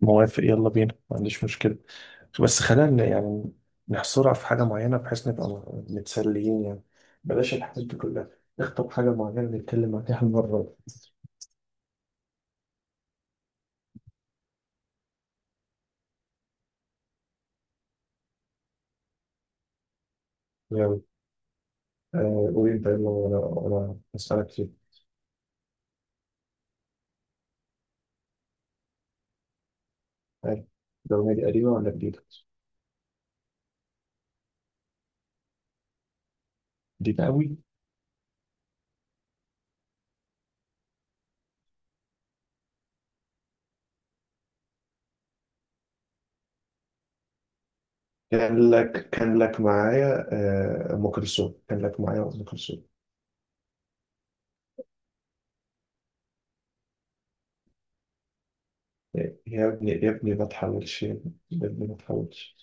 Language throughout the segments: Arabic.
موافق، يلا بينا، ما عنديش مشكلة. بس خلينا يعني نحصرها في حاجة معينة بحيث نبقى متسليين يعني. بلاش الحاجات دي كلها، نخطب حاجة معينة نتكلم عليها المرة دي. يلا. قول أنت يلا، وأنا هسألك فيه. آه، الأغنية دي قديمة ولا جديدة؟ جديدة أوي. كان لك معايا. أم كلثوم، كان لك معايا أم كلثوم. يا ابني ما تحاولش، يا ابني ما تحاولش.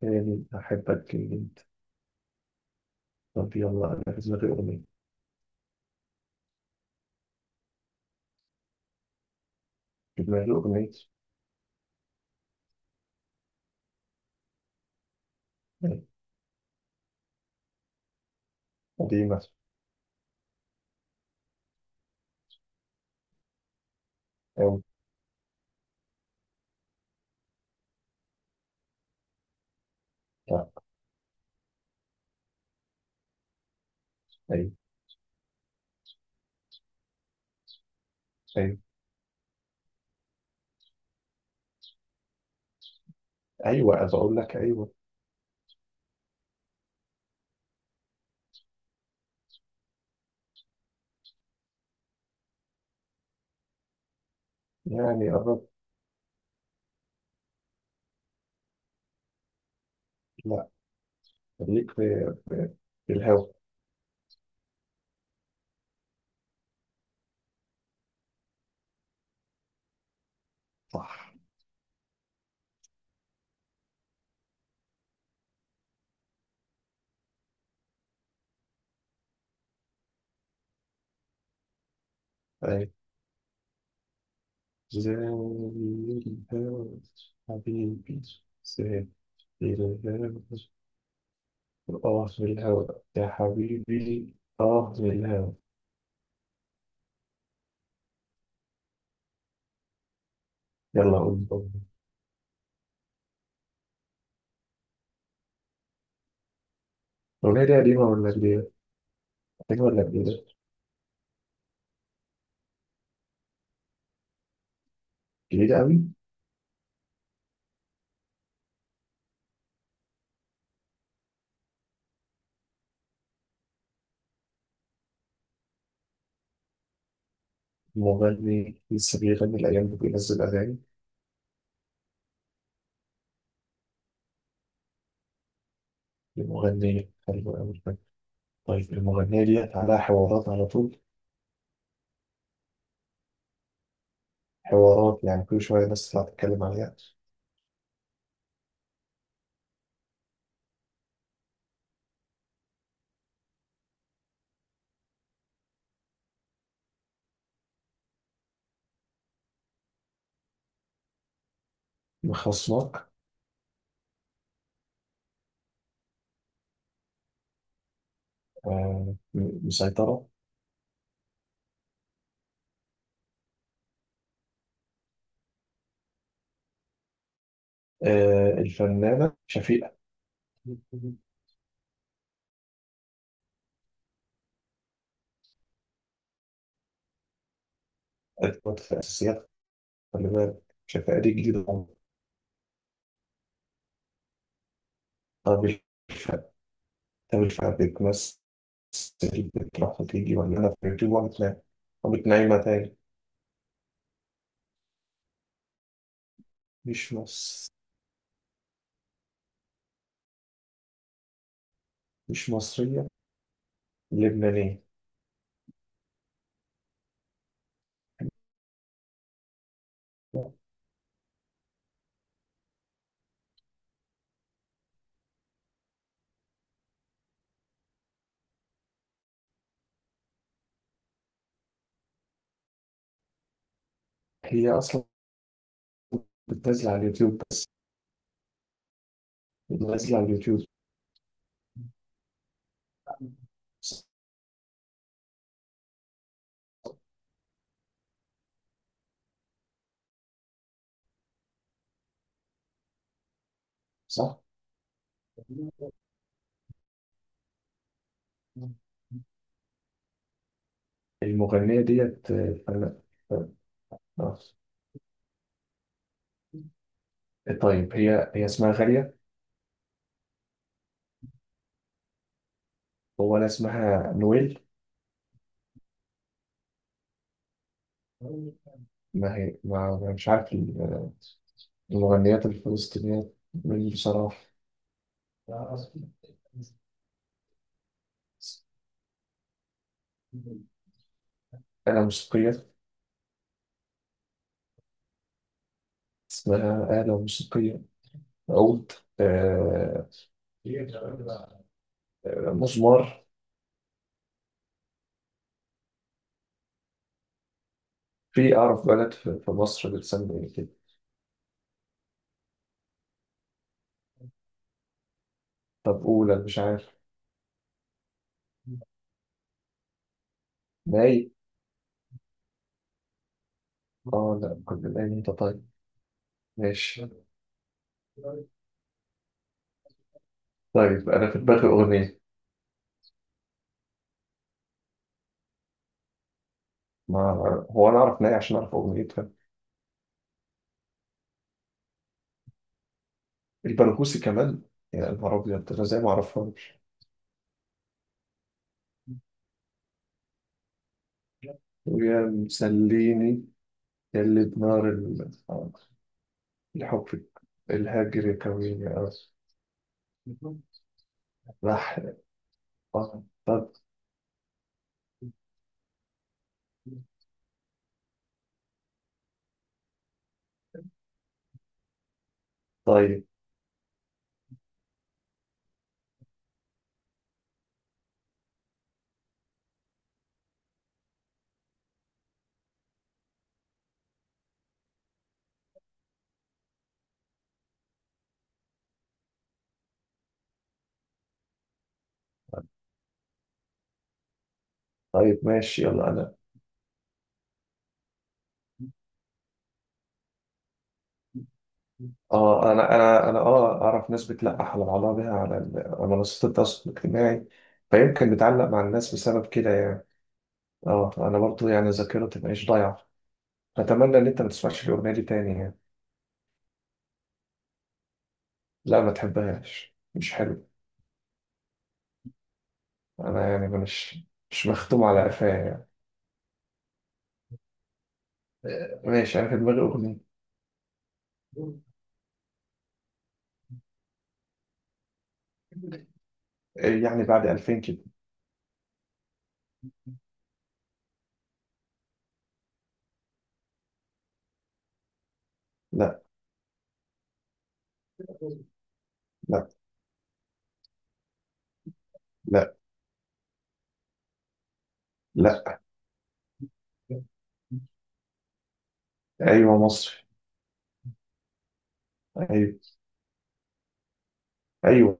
تاني أحبك جدا. طب يلا، أنا في دماغي أغنية. في دماغي أغنية. قديمة أوي. لا. أيوة. أيوة. أيوة، عايز أقول لك أيوة. يعني قرب. لا، خليك في في الهوا. صح. أيوة، زي الهوا حبيبي، زي الهوا. آه، في الهوا يا حبيبي. آه، في الهوا. يلا قول، قول. الأغنية دي قديمة ولا جديدة؟ قديمة ولا جديدة؟ جديدة أوي. مغني لسه بيغني الأيام دي، بينزل أغاني لمغني حلو أوي؟ طيب المغنية ديت عليها حوارات على طول؟ حوارات يعني كل شوية ناس تطلع تتكلم عليها. مخصناك. آه، مسيطرة. آه، الفنانة شفيقة؟ أدوات في الأساسيات. خلي بالك، شفيقة دي جديدة. طب الف- طب الفئة بتمثل. بتروح وتيجي، ولا أنا في اليوتيوب وأنا بتنام؟ قامت نايمة تاني. مش مصر، مش مصرية. لبنانية. هي أصلا بتنزل على اليوتيوب بس؟ بتنزل على اليوتيوب، صح؟ المغنية ديت، أنا آه، آه. طيب، هي اسمها غالية؟ هو أنا اسمها نويل؟ ما هي، ما أنا مش عارف المغنيات الفلسطينية من بصراحة. آلة موسيقية؟ اسمها آلة موسيقية؟ عود؟ آه، مزمار؟ في أعرف بلد في مصر بتسمي إيه كده. طب أولى، مش عارف. ناي. اه لا، كنا ناي انت، طيب، ماشي. طيب أنا في دماغي أغنية. ما هو أنا أعرف ناي عشان أعرف أغنيتها؟ البرغوثي كمان؟ يا نهار أبيض، أنا إزاي ما أعرفهاش. ويا مسليني، يا اللي الحب الهاجر يا كويني، آه. راح، آه. طب، طيب، طيب، ماشي. يلا أنا. اه، انا اه اعرف ناس بتلقح على بعضها بيها على على منصات التواصل الاجتماعي، فيمكن بتعلق مع الناس بسبب كده يعني. اه انا برضو يعني ذاكرتي مش ضايعه، اتمنى ان انت ما تسمعش الاغنيه دي تاني يعني. لا ما تحبهاش، مش حلو. انا يعني مش، مش مختوم على قفايا يعني. ماشي، انا في دماغي اغنيه. يعني بعد 2000 كده. لا. لا. لا. لا. ايوه، مصري. ايوه. ايوه.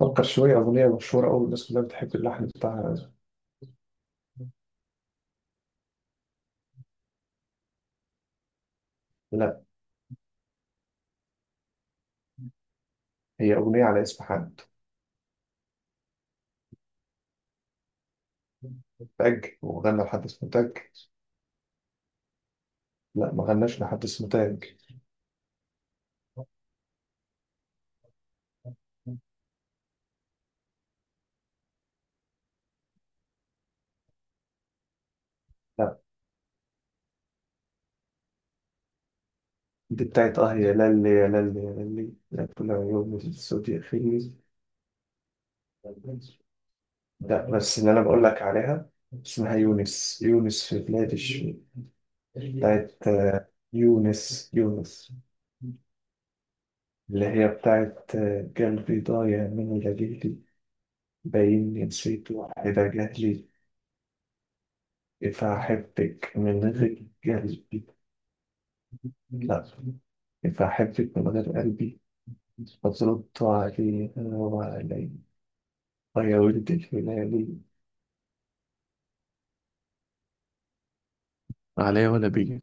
فكر شويه، اغنيه مشهوره قوي الناس كلها بتحب اللحن بتاعها. لا. هي اغنيه على اسم حد؟ تاج، وغنى لحد اسمه تاج؟ لا ما غناش لحد اسمه تاج. لا دي بتاعت اه يا للي يا للي يا للي، لا كل عيون الصوت يخيل. لا، بس اللي انا بقول لك عليها اسمها يونس، يونس في بلاد الشام. بتاعت يونس يونس، اللي هي بتاعت قلبي ضايع من ليلي، باين نسيت واحدة جهلي، إذا أحبك من غير قلبي. لا، إذا أحبك من غير قلبي، فضلت عليها وعليها، يا ولد الهلال، عليا ولا بيجي،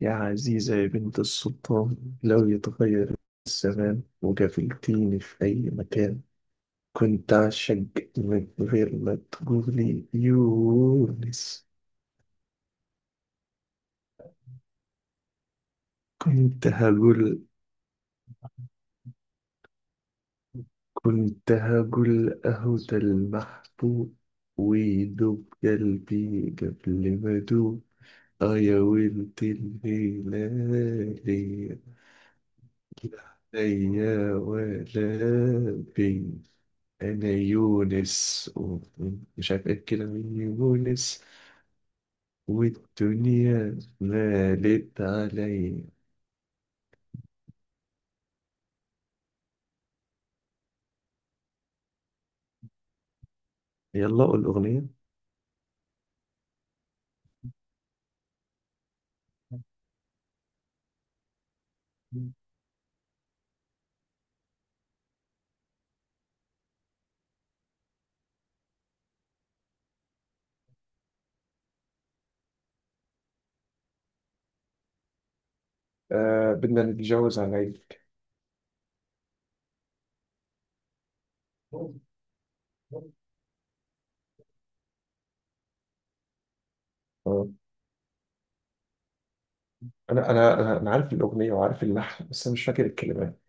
يا عزيزة يا بنت السلطان، لو يتغير الزمان وقابلتيني في أي مكان، كنت أعشق من غير ما تقولي يونس، كنت هقول، كنت هقول أهو ده المحبوب، ويدوب قلبي قبل ما أدوب. آه يا ولد الهلال، يا ولبي، انا يونس مش عارف ايه كده من يونس. والدنيا مالت عليا. يلا قول الاغنيه. آه، بدنا نتجوز عليك. آه. انا انا انا أنا عارف الاغنيه وعارف اللحن، بس انا مش فاكر الكلمات.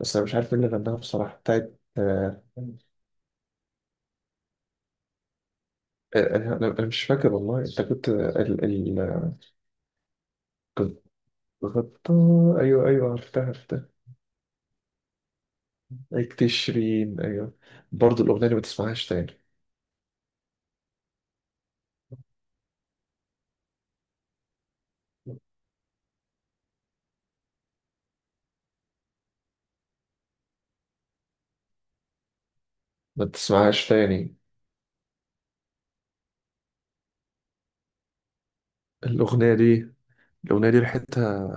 بس انا مش عارف مين اللي غناها بصراحه، بتاعت آه. أنا مش فاكر والله. انت كنت ال كنت غطا. ايوه ايوه، عرفتها عرفتها. تشرين، ايوه. برضه الاغنيه دي ما تسمعهاش تاني. ما تسمعهاش تاني، الاغنيه دي، الاغنيه دي ريحتها،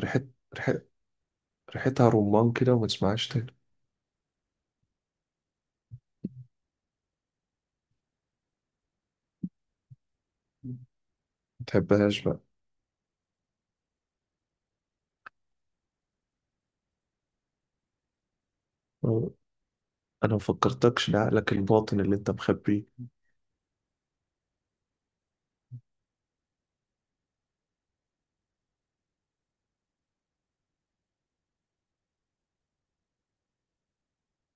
ريحت ريح- ريحتها رمان كده، وما تسمعهاش تاني. ما تحبهاش بقى. أه، انا ما فكرتكش لعقلك الباطن اللي انت مخبيه.